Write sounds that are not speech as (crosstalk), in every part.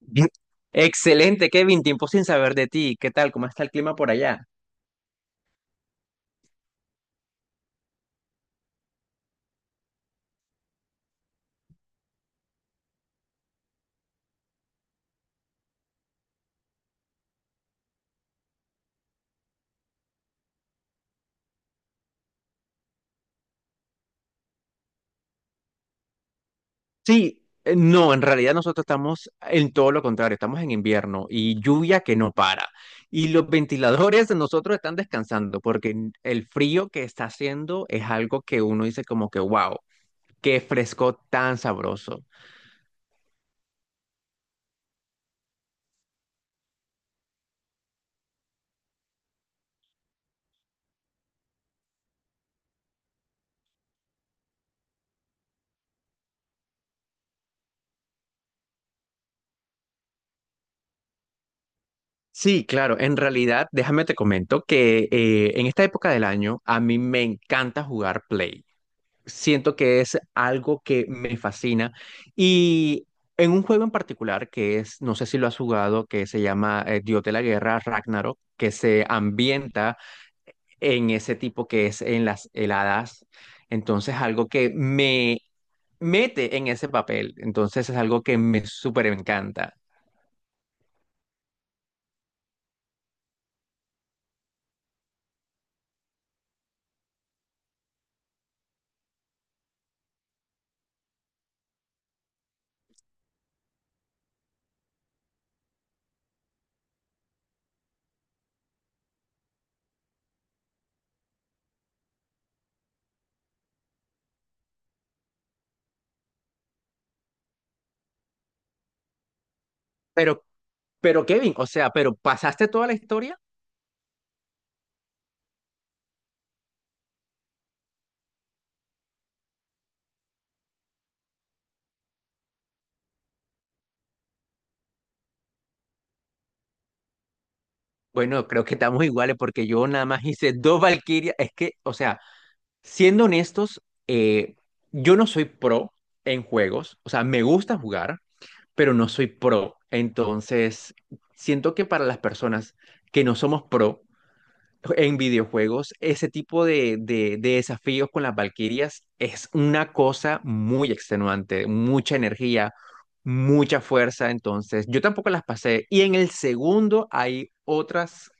Bien. Excelente, Kevin. Tiempo sin saber de ti. ¿Qué tal? ¿Cómo está el clima por allá? Sí, no, en realidad nosotros estamos en todo lo contrario. Estamos en invierno y lluvia que no para. Y los ventiladores de nosotros están descansando porque el frío que está haciendo es algo que uno dice como que, wow, qué fresco tan sabroso. Sí, claro, en realidad, déjame te comento que en esta época del año a mí me encanta jugar Play. Siento que es algo que me fascina. Y en un juego en particular que es, no sé si lo has jugado, que se llama Dios de la Guerra, Ragnarok, que se ambienta en ese tipo que es en las heladas. Entonces, algo que me mete en ese papel. Entonces, es algo que me súper encanta. Pero, pero Kevin, o sea, pero ¿pasaste toda la historia? Bueno, creo que estamos iguales porque yo nada más hice dos Valkyrias. Es que, o sea... Siendo honestos, eh, yo no soy pro en juegos, o sea, me gusta jugar, pero no soy pro. Entonces, siento que para las personas que no somos pro, en videojuegos, ese tipo de, de desafíos con las Valquirias es una cosa muy extenuante, mucha energía, mucha fuerza. Entonces, yo tampoco las pasé. Y en el segundo hay otras,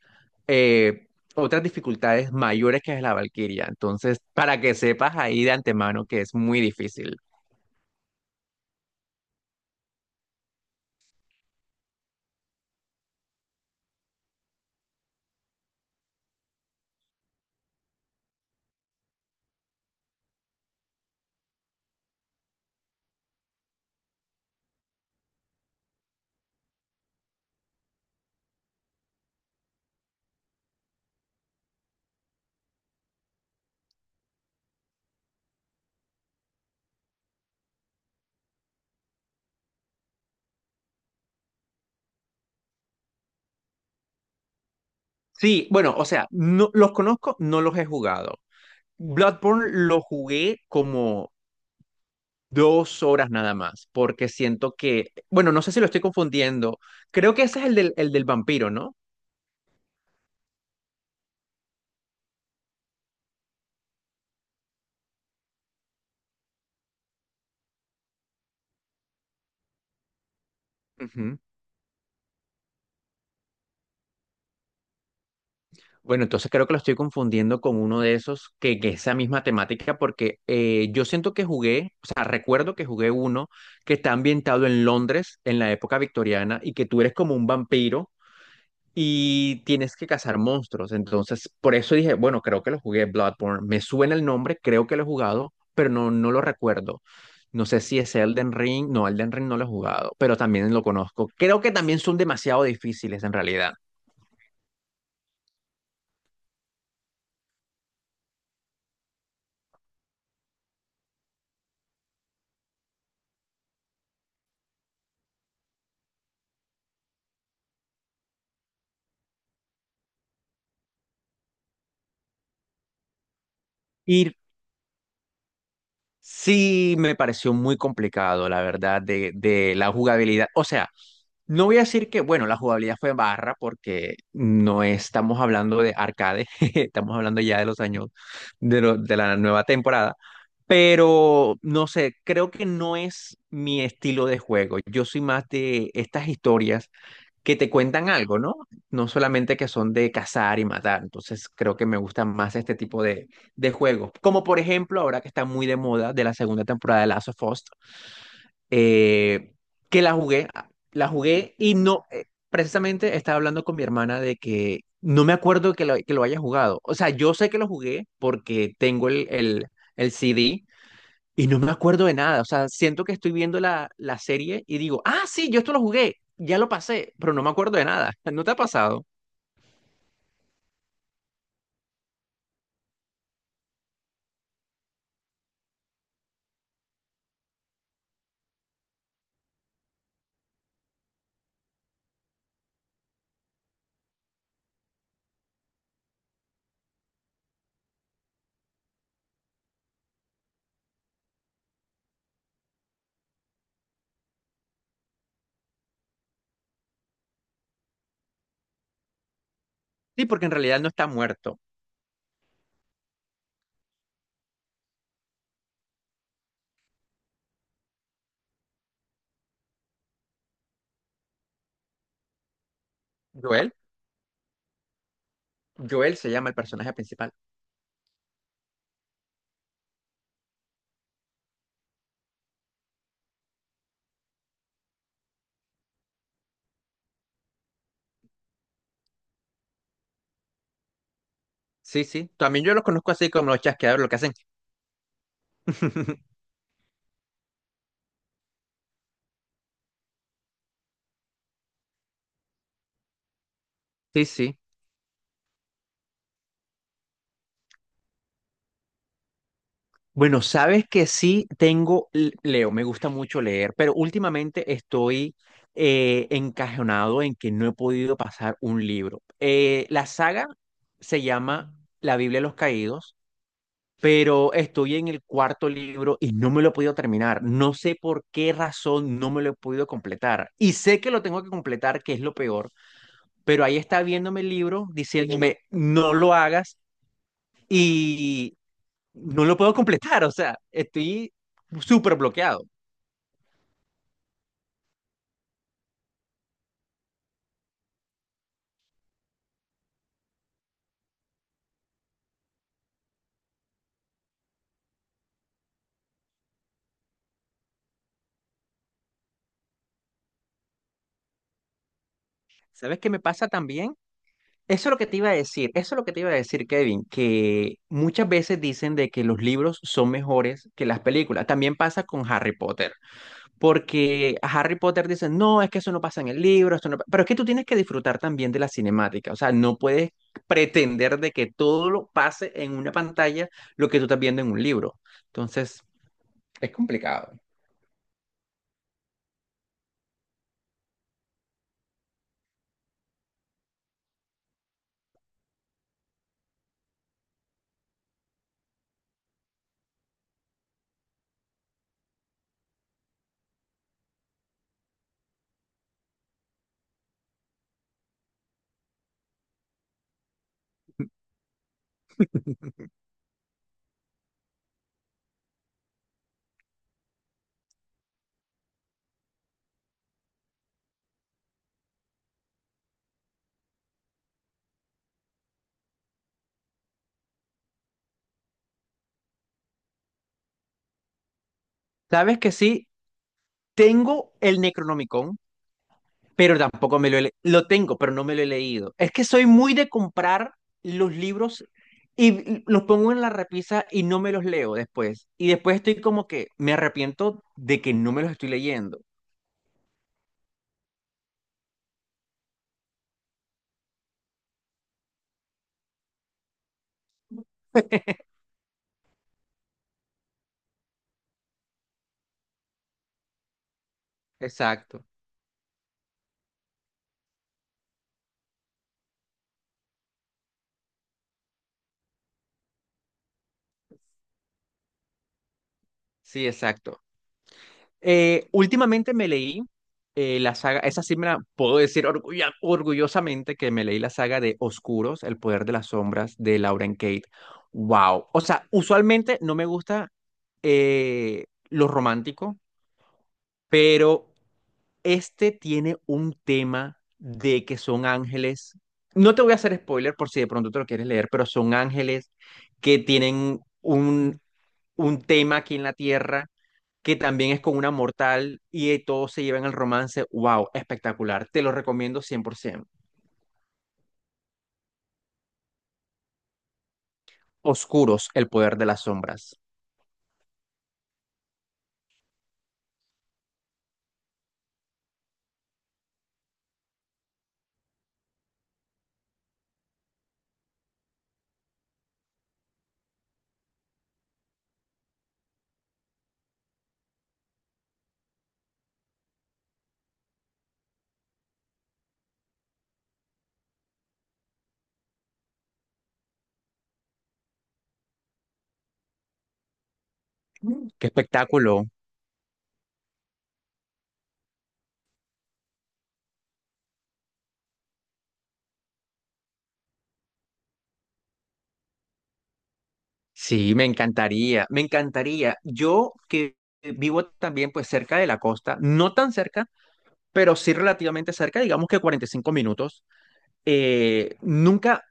eh, otras dificultades mayores que es la Valquiria. Entonces, para que sepas ahí de antemano que es muy difícil. Sí, bueno, o sea, no, los conozco, no los he jugado. Bloodborne lo jugué como 2 horas nada más, porque siento que, bueno, no sé si lo estoy confundiendo. Creo que ese es el del vampiro, ¿no? Ujú. Bueno, entonces creo que lo estoy confundiendo con uno de esos que, esa misma temática, porque yo siento que jugué, o sea, recuerdo que jugué uno que está ambientado en Londres en la época victoriana y que tú eres como un vampiro y tienes que cazar monstruos. Entonces, por eso dije, bueno, creo que lo jugué Bloodborne. Me suena el nombre, creo que lo he jugado, pero no, no lo recuerdo. No sé si es Elden Ring. No, Elden Ring no lo he jugado, pero también lo conozco. Creo que también son demasiado difíciles en realidad. Y sí me pareció muy complicado, la verdad, de la jugabilidad. O sea, no voy a decir que, bueno, la jugabilidad fue barra porque no estamos hablando de arcade, (laughs) estamos hablando ya de los años de, de la nueva temporada, pero no sé, creo que no es mi estilo de juego. Yo soy más de estas historias que te cuentan algo, ¿no? No solamente que son de cazar y matar, entonces creo que me gustan más este tipo de juegos, como por ejemplo ahora que está muy de moda de la segunda temporada de Last of Us, eh, que la jugué, ah, la jugué y no, precisamente estaba hablando con mi hermana de que no me acuerdo que lo haya jugado. O sea, yo sé que lo jugué porque tengo el CD y no me acuerdo de nada. O sea, siento que estoy viendo la serie y digo, ah, sí, yo esto lo jugué, ya lo pasé, pero no me acuerdo de nada. (laughs) ¿No te ha pasado? Sí, porque en realidad no está muerto. Joel, Joel se llama el personaje principal. Sí, sí. También yo los conozco así como los chasqueadores, lo que hacen. (laughs) Sí, sí. Bueno, sabes que sí tengo, leo, me gusta mucho leer, pero últimamente estoy encajonado en que no he podido pasar un libro. La saga se llama La Biblia de los Caídos, pero estoy en el cuarto libro y no me lo he podido terminar. No sé por qué razón no me lo he podido completar. Y sé que lo tengo que completar, que es lo peor, pero ahí está viéndome el libro diciéndome, no lo hagas no lo puedo completar, o sea, estoy súper bloqueado. ¿Sabes qué me pasa también? Eso es lo que te iba a decir, eso es lo que te iba a decir, Kevin, que muchas veces dicen de que los libros son mejores que las películas. También pasa con Harry Potter, porque a Harry Potter dicen, no, es que eso no pasa en el libro, esto no Pero es que tú tienes que disfrutar también de la cinemática, o sea, no puedes pretender de que todo lo pase en una pantalla lo que tú estás viendo en un libro. Entonces, es complicado. Sabes que sí, tengo el Necronomicon, pero tampoco me lo he. Lo tengo, pero no me lo he leído. Es que soy muy de comprar los libros y los pongo en la repisa y no me los leo después. Y después estoy como que me arrepiento de que no me los estoy leyendo. (laughs) Exacto. Sí, exacto. Últimamente me leí la saga, esa sí me la puedo decir orgullosamente que me leí la saga de Oscuros, El poder de las sombras de Lauren Kate. Wow. O sea, usualmente no me gusta lo romántico, pero este tiene un tema de que son ángeles. No te voy a hacer spoiler por si de pronto te lo quieres leer, pero son ángeles que tienen un tema aquí en la tierra que también es con una mortal y todos se llevan el romance. ¡Wow! Espectacular. Te lo recomiendo 100%. Oscuros, el poder de las sombras. Mm. ¡Qué espectáculo! Sí, me encantaría, me encantaría. Yo que vivo también pues cerca de la costa, no tan cerca, pero sí relativamente cerca, digamos que 45 minutos, nunca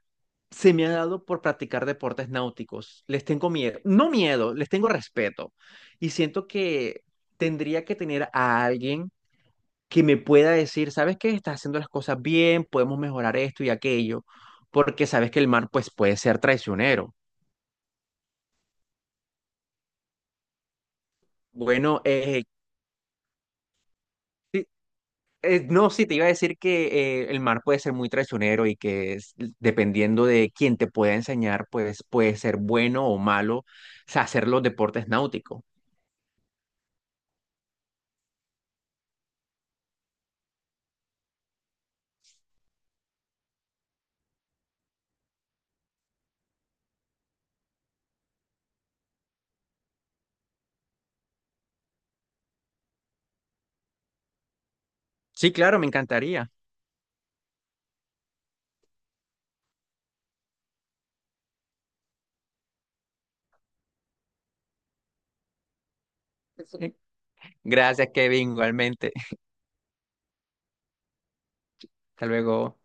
se me ha dado por practicar deportes náuticos. Les tengo miedo, no miedo, les tengo respeto. Y siento que tendría que tener a alguien que me pueda decir, ¿sabes qué? Estás haciendo las cosas bien, podemos mejorar esto y aquello, porque sabes que el mar pues puede ser traicionero. Bueno, sí, no, sí, te iba a decir que el mar puede ser muy traicionero y que dependiendo de quién te pueda enseñar, pues puede ser bueno o malo o sea, hacer los deportes náuticos. Sí, claro, me encantaría. Sí. Gracias, Kevin, igualmente. (laughs) Hasta luego.